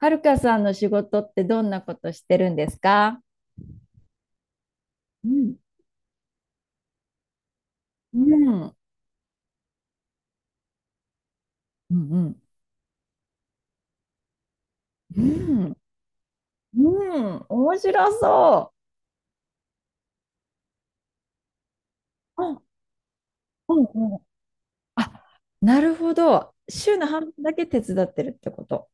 はるかさんの仕事ってどんなことしてるんですか？うん、うん、うん、うん、うん、うん、面白そう。あ、うんうん。あ、なるほど。週の半分だけ手伝ってるってこと。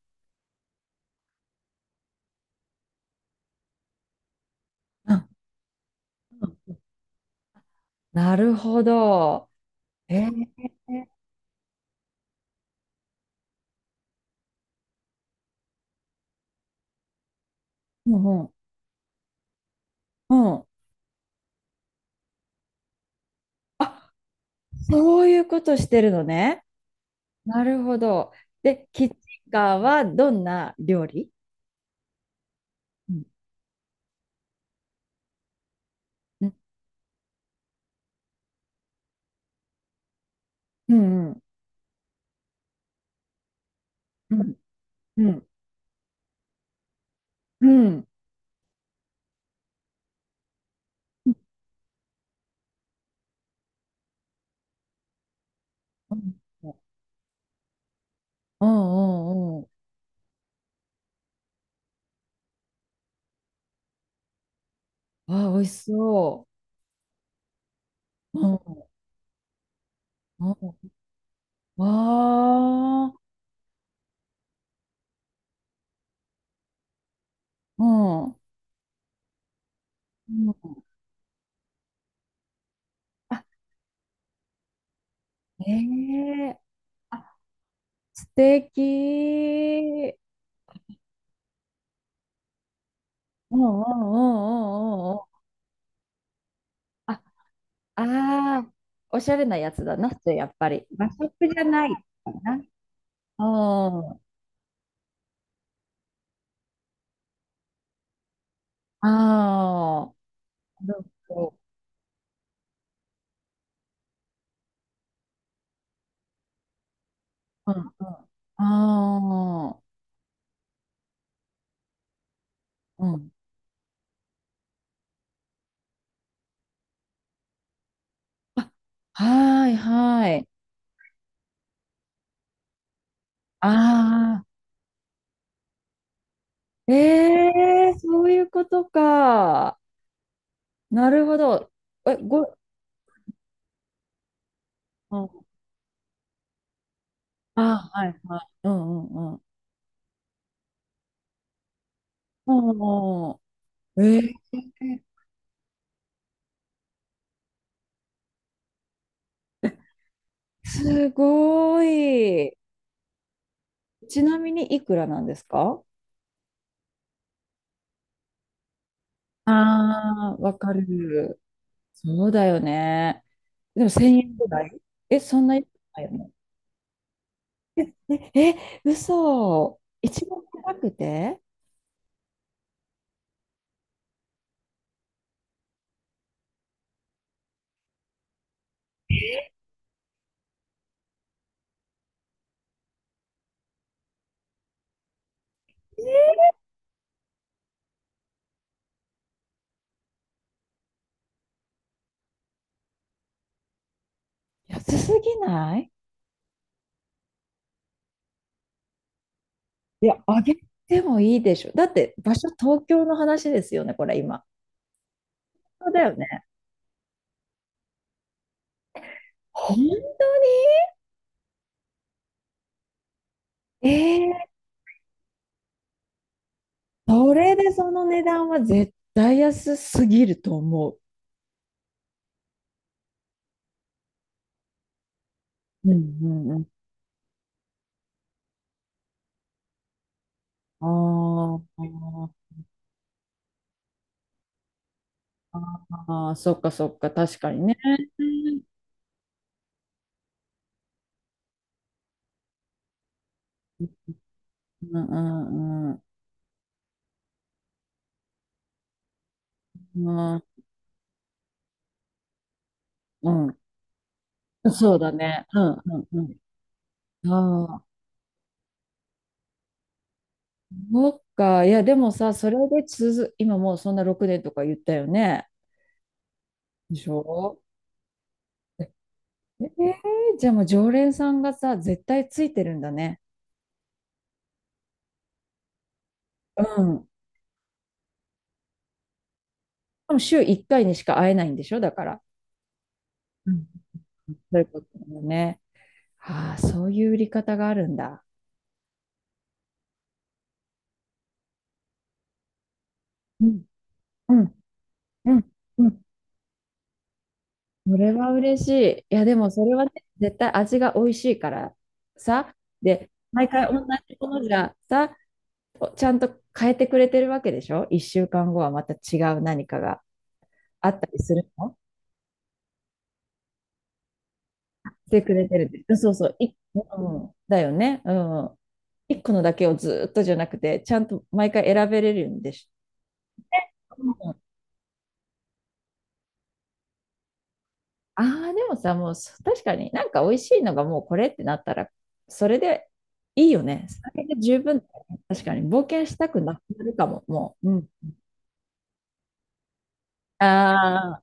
うん、なるほど。えー、うんうん、うん。あ、そういうことしてるのね。なるほど。で、キッチンカーはどんな料理？うん、うん、うん、うん、うん、うん。うんうんうんうん。わあ、美味しそう。うん。うん。わあ。うん。うん。あ、ええ、あ、素敵。うんうんうんうんうんうん。あ、ああ、おしゃれなやつだな、それやっぱり。和食じゃないかな。うん。ああ、なるほど。うんうん。ああ、うん。あ、はいはい。ああ。ええ、そういうことか。なるほど。え、ご、うん、あ、はいはい。うんうんうん。うんうんうん、えー、すごい。ちなみにいくらなんですか？ああー、わかる。そうだよね。でも1000円ぐらい、え、そんな安くないよね。え、嘘。一番高くて安すぎない？いや、あげてもいいでしょ。だって、場所東京の話ですよね、これ今。そうだよね。本当にえー、それでその値段は絶対安すぎると思う。うんうんうん。あー、あー、そっかそっか、確かにね。うんうんうん。うんうん。そうだね。うんうんうん。ああ、そっか。いや、でもさ、それで続、今もうそんな6年とか言ったよね。でしょ？えー、じゃあもう常連さんがさ、絶対ついてるんだね。うん。でも週1回にしか会えないんでしょだから。うん。そういうことだよね。ああ、そういう売り方があるんだ。うんうん、うん、うん。それは嬉しい。いや、でもそれはね、絶対味が美味しいからさ。で、毎回同じものじゃさ、ちゃんと変えてくれてるわけでしょ？ 1 週間後はまた違う何かがあったりするの？してくれてるで。うんそうそう。い、うん、だよね。うん。一個のだけをずっとじゃなくて、ちゃんと毎回選べれるんでしょ。うん、ああ、でもさ、もう確かになんか美味しいのがもうこれってなったら、それでいいよね。それで十分。確かに冒険したくなくなるかも、もう。うん、あー、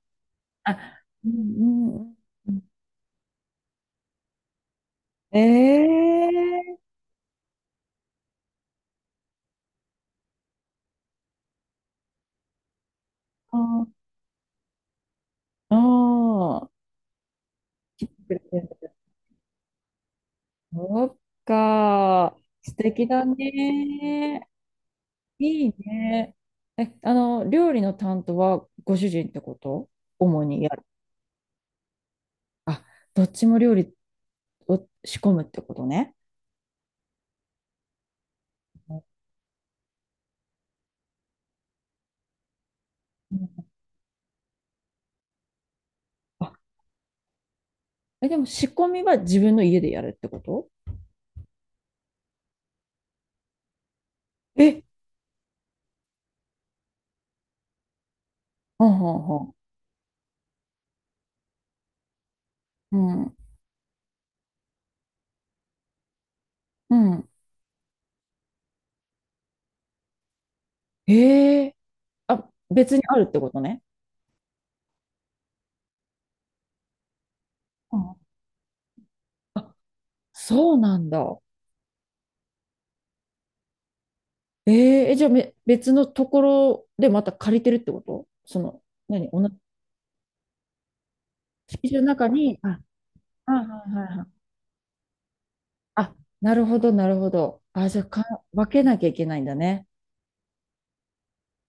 あ、うんうんうんうん。ええー。ああ。うん、プレゼント、そっか。素敵だね。いいね。え、あの、料理の担当はご主人ってこと？主にやる。あ、どっちも料理を仕込むってことね。うん、あ、え、でも仕込みは自分の家でやるってこと？え、はんはんはん。うん、うん。ええ、あ、別にあるってことね。うん、あ、そうなんだ。ええ、え、じゃあめ、別のところでまた借りてるってことその、何、同じ敷地の中に、あ、はいはいはい、あ、なるほど、なるほど。あ、じゃあか、分けなきゃいけないんだね。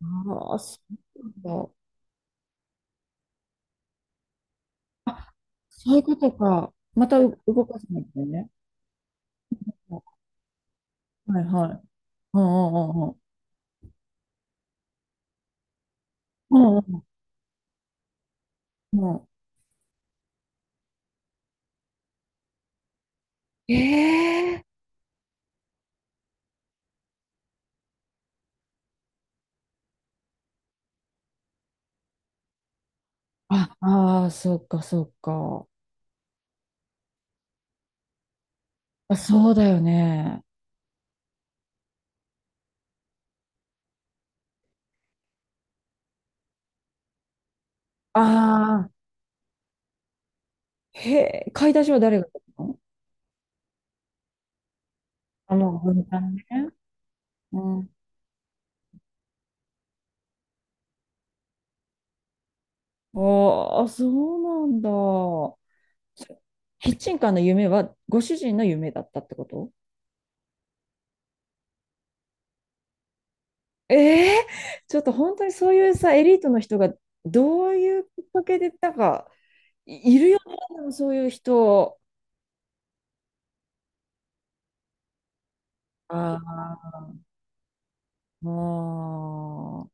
ああ、そうなんだ。あ、そういうことか。またう動かさないゃね。はいはい。うんうんうんうん。うんうんうん。ええ、あ、ああ、そうか、そうか。あ、そうだよね。ああ、へえ、買い出しは誰がやったの？あの、分担ね。うん。ああ、そうなんだ。キッチンカーの夢はご主人の夢だったってこと？ええ、ちょっと本当にそういうさ、エリートの人がどういうきっかけで、なんか、い、いるよね、でもそういう人。ああ、もう、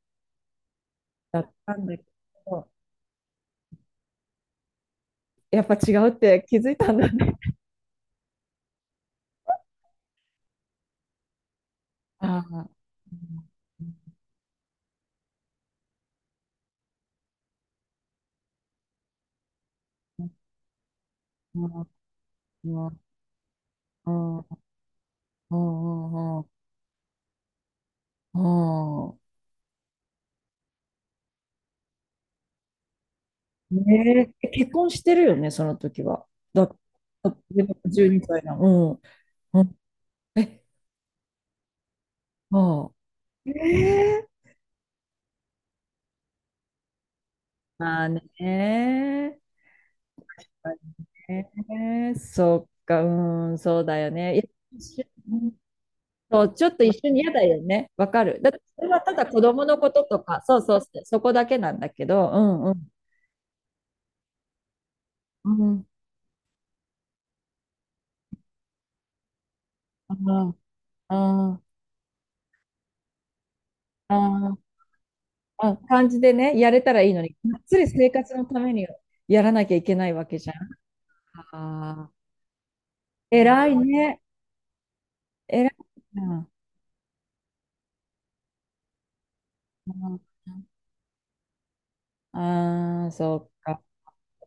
だったんだけど、やっぱ違うって気づいたんだね。ああ、うん、うん、うん、うん、うん、うん。ねえ、結婚してるよね、その時は。だ、だ1歳なの。うん。うん、え、ああ、ええ、まあね。まあね、そっか、うん、そうだよね。いや一緒うん、そう、ちょっと一緒に嫌だよね。わかる。だってそれはただ子供のこととか、そうそう、そこだけなんだけど、うんうん。うん。ああ、ああ、あ感じでね、やれたらいいのに、がっつり生活のためにやらなきゃいけないわけじゃん。ああ、偉いね。偉いな。ああ、ああ、そっか。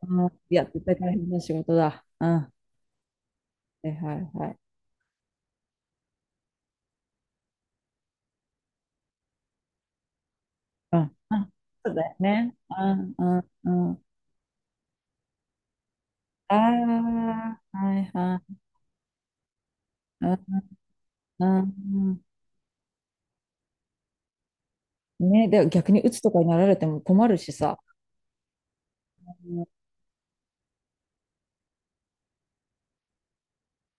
あー、いや、絶対大変な仕事だ。うん。はいはいはい。うん。うん、そうだよね。うん、うん、うん。ああ、はいはい。うん、うんうん。ね、で、逆に鬱とかになられても困るしさ。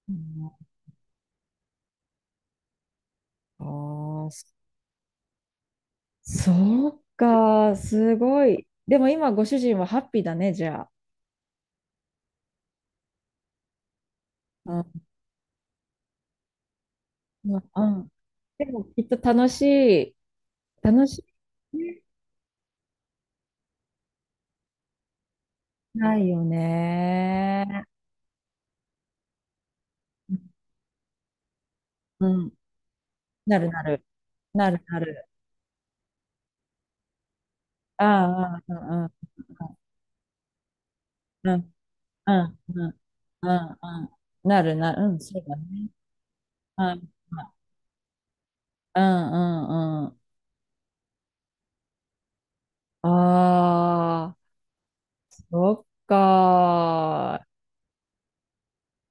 うん、ああ、そ、そうか、すごい。でも今、ご主人はハッピーだね、じゃあ。うん、うん。でも、きっと楽しい。楽しいね。ないよね。うん。なるなる。なるなる。ああ、うんうんうんうんうんうんうんうん、なるなる、うん、そうだね。うん、うん、うん、うん。ああ、そっか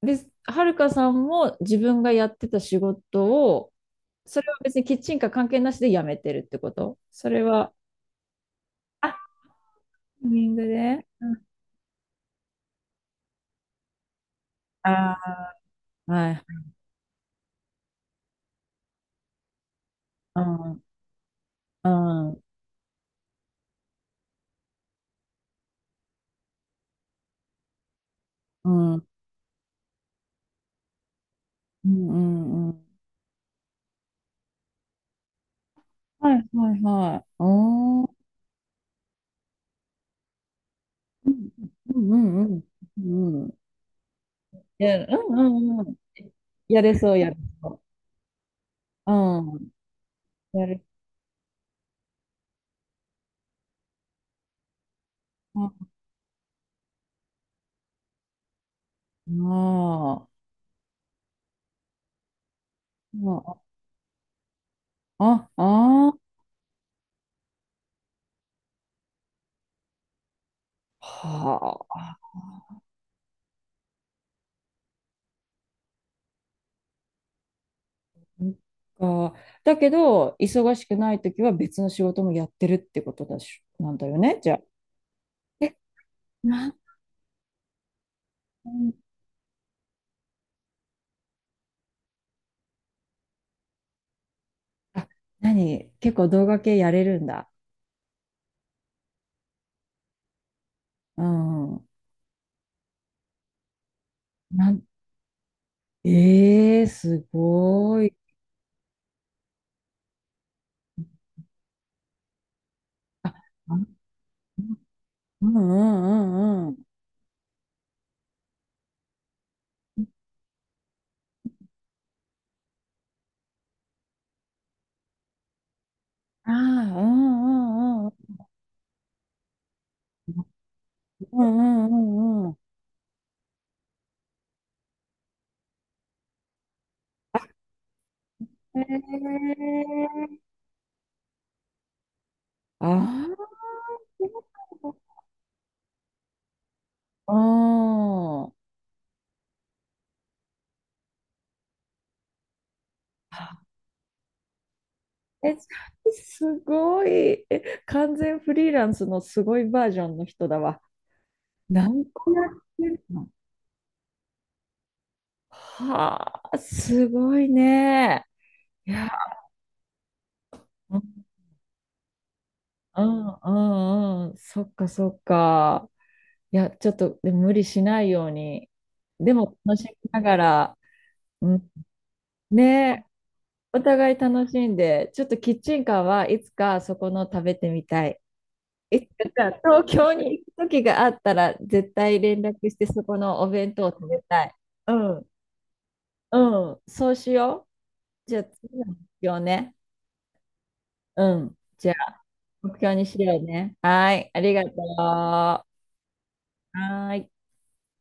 ー。で、はるかさんも自分がやってた仕事を、それは別にキッチンカー関係なしで辞めてるってこと、それは、あ、タイミングで。うん、ああ、はい。うん、うん、うん、うん、うん。うん、はい、はい、はい。おー、うんうんうんうんうん。いや、うんうんうん。やれそう、やれそう。うん。やる。ああ、ああ、ああ、はあ、そっか。だけど、忙しくないときは別の仕事もやってるってことだし、なんだよね、じゃあ。え、なん、あ、何結構動画系やれるんだ。うん。なん、ええー、すごい。あ、あ、うんうんうんうん。ああ、うんうんうんうんうんうんうんうん、へえ。ああ、うん。え、じゃあすごい。え、完全フリーランスのすごいバージョンの人だわ。何個やってるの？はあ、すごいね。いや、うんうんうん。そっかそっか。いや、ちょっとでも無理しないように。でも楽しみながら、うん、ね、お互い楽しんで、ちょっとキッチンカーはいつかそこの食べてみたい。いつか東京に行く時があったら、絶対連絡してそこのお弁当を食べたい。うん、うん、そうしよう。じゃあ次の目標ね。うん、じゃあ目標にしようね。はい、ありがとう。はーい。